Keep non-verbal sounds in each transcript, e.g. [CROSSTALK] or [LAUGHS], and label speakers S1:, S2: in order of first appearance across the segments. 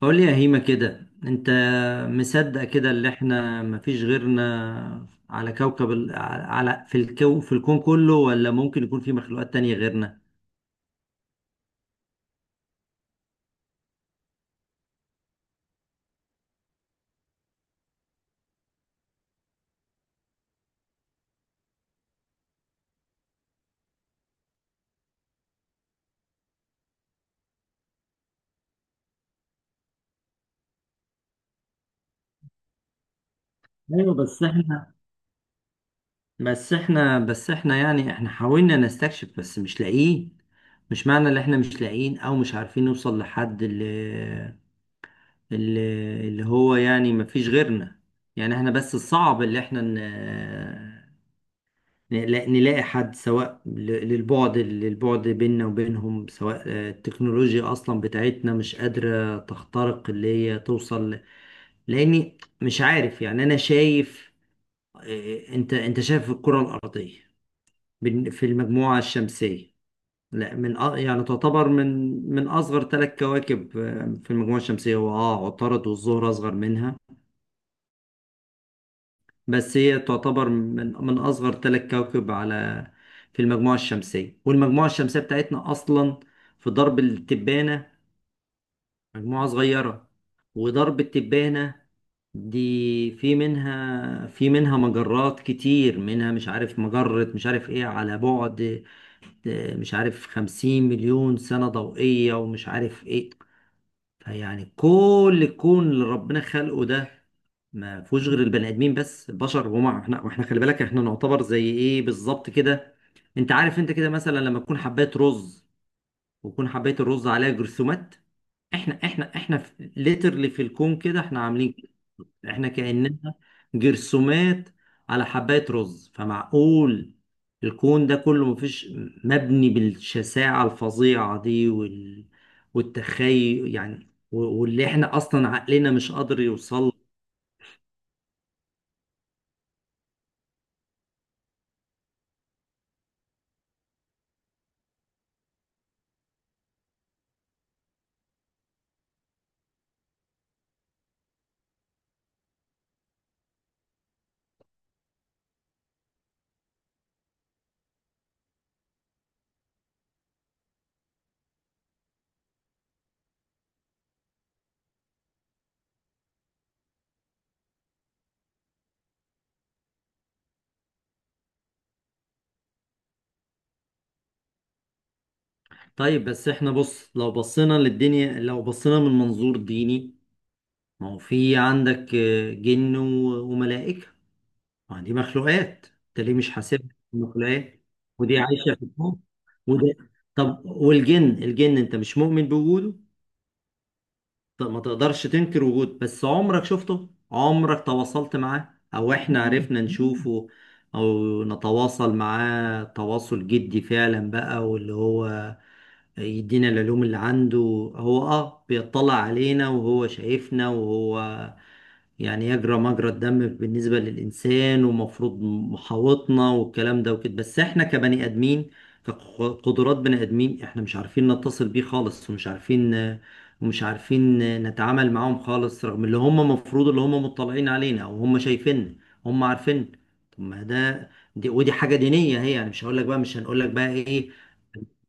S1: قول لي يا هيما كده، انت مصدق كده اللي احنا مفيش غيرنا على كوكب ال... على على- في الكو... في الكون كله، ولا ممكن يكون في مخلوقات تانية غيرنا؟ ايوه، بس احنا يعني احنا حاولنا نستكشف بس مش لاقيين. مش معنى ان احنا مش لاقيين او مش عارفين نوصل لحد اللي, اللي هو، يعني مفيش غيرنا. يعني احنا بس الصعب اللي احنا نلاقي حد، سواء للبعد بيننا وبينهم، سواء التكنولوجيا أصلا بتاعتنا مش قادرة تخترق اللي هي توصل لأني مش عارف. يعني أنا شايف، أنت شايف الكرة الأرضية في المجموعة الشمسية، لا يعني تعتبر من أصغر ثلاث كواكب في المجموعة الشمسية، هو عطارد والزهرة أصغر منها، بس هي تعتبر من أصغر ثلاث كواكب في المجموعة الشمسية. والمجموعة الشمسية بتاعتنا أصلا في درب التبانة مجموعة صغيرة، وضرب التبانة دي في منها مجرات كتير، منها مش عارف مجرة مش عارف ايه، على بعد مش عارف 50 مليون سنة ضوئية ومش عارف ايه. فيعني كل الكون اللي ربنا خلقه ده ما فيهوش غير البني ادمين بس، بشر. وما احنا واحنا خلي بالك احنا نعتبر زي ايه بالظبط كده؟ انت عارف انت كده مثلا لما تكون حبايه رز، وتكون حبايه الرز عليها جرثومات، احنا ليترلي في literally في الكون كده احنا عاملين، احنا كأننا جرثومات على حبات رز. فمعقول الكون ده كله مفيش، مبني بالشساعة الفظيعة دي والتخيل، يعني واللي احنا اصلا عقلنا مش قادر يوصل. طيب بس احنا بص، لو بصينا للدنيا، لو بصينا من منظور ديني، ما هو في عندك جن وملائكة، ما دي مخلوقات، انت ليه مش حاسبها مخلوقات؟ ودي عايشه في الكون، وده. طب والجن انت مش مؤمن بوجوده؟ طب ما تقدرش تنكر وجوده، بس عمرك شفته؟ عمرك تواصلت معاه؟ او احنا عرفنا نشوفه او نتواصل معاه تواصل جدي فعلا بقى، واللي هو يدينا العلوم اللي عنده؟ هو بيطلع علينا، وهو شايفنا، وهو يعني يجرى مجرى الدم بالنسبة للإنسان، ومفروض محاوطنا والكلام ده وكده. بس إحنا كبني آدمين، كقدرات بني آدمين، إحنا مش عارفين نتصل بيه خالص، ومش عارفين نتعامل معاهم خالص، رغم اللي هم مفروض اللي هم مطلعين علينا، أو هم شايفيننا، هم عارفين. طب ما ده، ودي حاجة دينية هي، يعني مش هقول لك بقى، مش هنقول لك بقى إيه،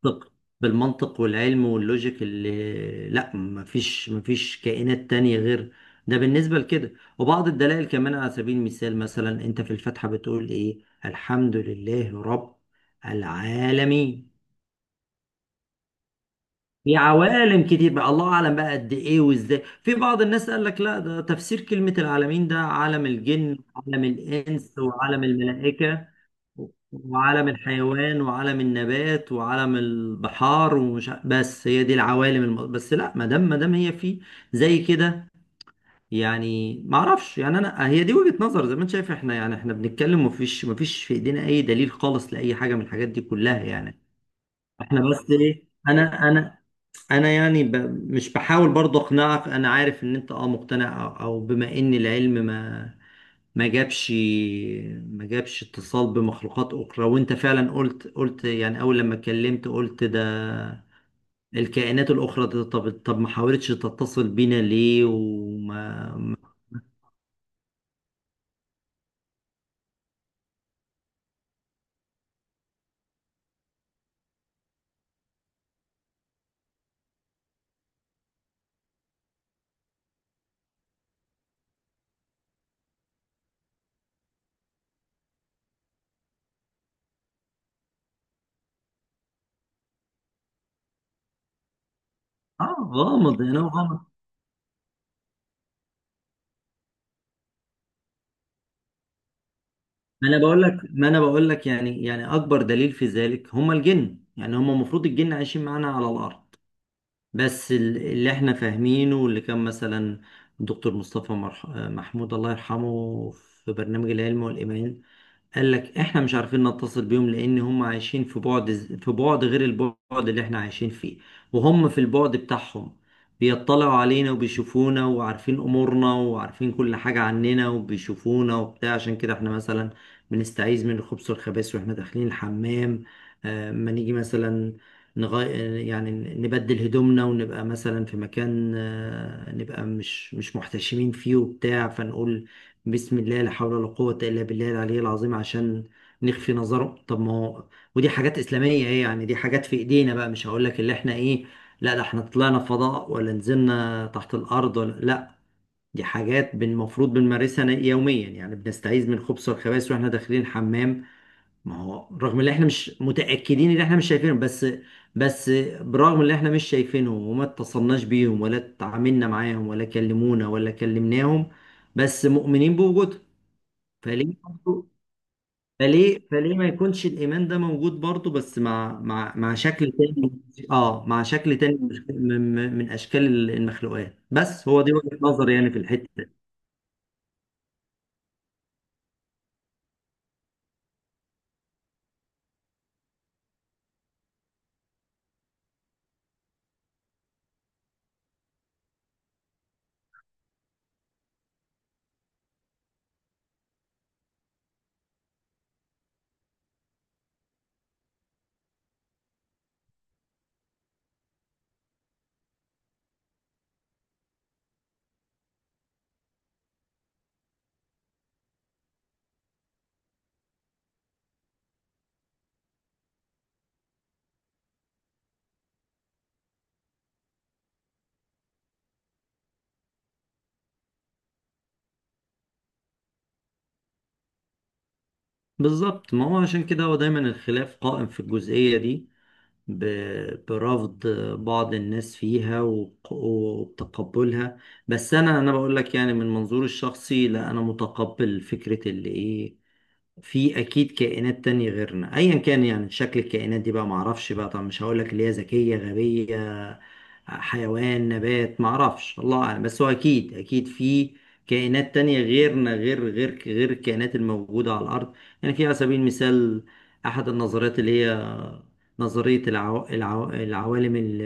S1: بالمنطق بالمنطق والعلم واللوجيك، اللي لا، مفيش كائنات تانية غير. ده بالنسبة لكده. وبعض الدلائل كمان، على سبيل المثال، مثلا انت في الفاتحة بتقول ايه؟ الحمد لله رب العالمين، في عوالم كتير بقى، الله اعلم بقى قد ايه وازاي. في بعض الناس قال لك لا، ده تفسير كلمة العالمين ده عالم الجن وعالم الانس وعالم الملائكة وعالم الحيوان وعالم النبات وعالم البحار، بس هي دي العوالم بس لا، ما دام هي في زي كده، يعني ما اعرفش. يعني انا هي دي وجهة نظر، زي ما انت شايف احنا يعني احنا بنتكلم، ومفيش في ايدينا اي دليل خالص لاي حاجة من الحاجات دي كلها، يعني. احنا بس ايه، انا يعني مش بحاول برضه اقنعك، انا عارف ان انت مقتنع، او بما ان العلم ما جابش اتصال بمخلوقات أخرى. وأنت فعلا قلت يعني أول لما اتكلمت قلت ده الكائنات الأخرى ده، طب ما حاولتش تتصل بينا ليه، وما غامض أنا [LAUGHS] غامض. ما أنا بقول لك يعني، أكبر دليل في ذلك هم الجن. يعني هم المفروض الجن عايشين معانا على الأرض، بس اللي احنا فاهمينه، واللي كان مثلا دكتور مصطفى محمود الله يرحمه في برنامج العلم والإيمان، قال لك احنا مش عارفين نتصل بيهم لان هم عايشين في بعد، في بعد غير البعد اللي احنا عايشين فيه، وهم في البعد بتاعهم بيطلعوا علينا وبيشوفونا وعارفين امورنا وعارفين كل حاجة عننا وبيشوفونا وبتاع. عشان كده احنا مثلا بنستعيذ من الخبث والخبائث واحنا داخلين الحمام، ما نيجي مثلا نغي... يعني نبدل هدومنا ونبقى مثلا في مكان نبقى مش محتشمين فيه وبتاع، فنقول بسم الله لا حول ولا قوة إلا بالله العلي العظيم عشان نخفي نظرهم. طب ما هو، ودي حاجات إسلامية، إيه يعني، دي حاجات في إيدينا بقى، مش هقول لك اللي إحنا إيه، لا ده إحنا طلعنا فضاء، ولا نزلنا تحت الأرض، ولا لا، دي حاجات المفروض بنمارسها يوميا، يعني بنستعيذ من الخبث والخبائث وإحنا داخلين الحمام. ما هو رغم إن إحنا مش متأكدين، إن إحنا مش شايفينهم بس، بس برغم إن إحنا مش شايفينهم وما اتصلناش بيهم ولا اتعاملنا معاهم ولا كلمونا ولا كلمناهم، بس مؤمنين بوجودهم. فليه برضه، فليه ما يكونش الإيمان ده موجود برضه، بس مع مع شكل تاني، اه مع شكل تاني، من أشكال المخلوقات؟ بس هو دي وجهة نظر، يعني في الحتة دي. بالظبط، ما هو عشان كده هو دايما الخلاف قائم في الجزئية دي، برفض بعض الناس فيها، وتقبلها. بس انا بقول لك، يعني من منظوري الشخصي، لا، انا متقبل فكرة اللي ايه، في اكيد كائنات تانية غيرنا، ايا كان يعني شكل الكائنات دي بقى، معرفش بقى، طب مش هقول لك اللي هي ذكية غبية حيوان نبات، معرفش الله اعلم، بس هو اكيد اكيد في كائنات تانية غيرنا، غير غير الكائنات الموجودة على الارض. يعني في على سبيل المثال احد النظريات اللي هي نظرية العوالم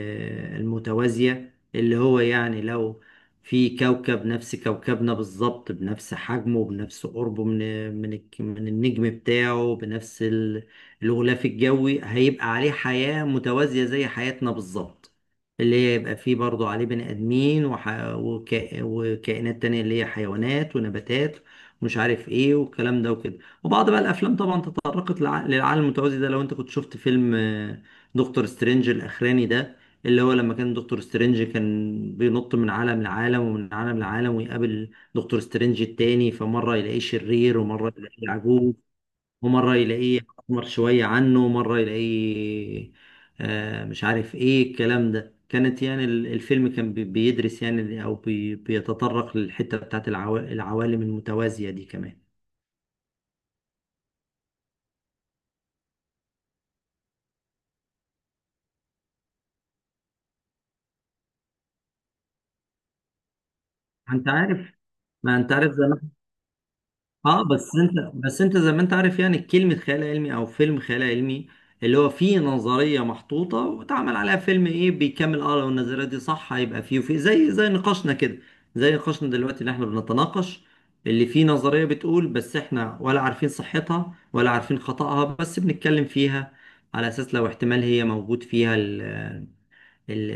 S1: المتوازية، اللي هو يعني لو في كوكب نفس كوكبنا بالظبط، بنفس حجمه، بنفس قربه من من النجم بتاعه، بنفس الغلاف الجوي، هيبقى عليه حياة متوازية زي حياتنا بالظبط، اللي هي يبقى فيه برضه عليه بني آدمين وكائنات تانية اللي هي حيوانات ونباتات ومش عارف ايه والكلام ده وكده. وبعض بقى الافلام طبعا تطرقت للعالم المتوازي ده، لو انت كنت شفت فيلم دكتور سترينج الاخراني ده، اللي هو لما كان دكتور سترينج كان بينط من عالم لعالم ومن عالم لعالم ويقابل دكتور سترينج التاني، فمرة يلاقيه شرير، ومرة يلاقيه عجوز، ومرة يلاقيه أحمر شوية عنه، ومرة يلاقيه مش عارف إيه الكلام ده. كانت يعني الفيلم كان بيدرس يعني، أو بيتطرق للحتة بتاعت العوالم المتوازية دي كمان. ما أنت عارف ما أنت عارف اه، بس انت زي ما انت عارف يعني كلمة خيال علمي او فيلم خيال علمي، اللي هو فيه نظرية محطوطة واتعمل عليها فيلم، ايه بيكمل، لو النظرية دي صح هيبقى فيه وفيه، زي نقاشنا كده، زي نقاشنا دلوقتي اللي احنا بنتناقش، اللي فيه نظرية بتقول، بس احنا ولا عارفين صحتها ولا عارفين خطأها، بس بنتكلم فيها على اساس لو احتمال هي موجود فيها ال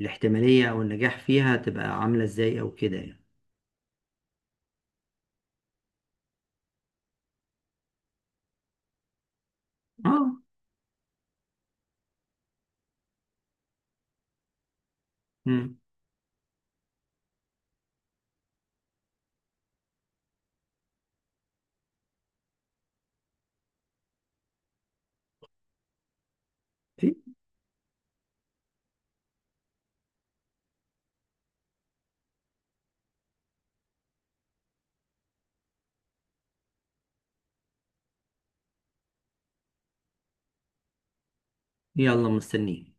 S1: الاحتمالية او النجاح فيها تبقى عاملة ازاي او كده يعني. اه. مم. في، يلا مستنيين.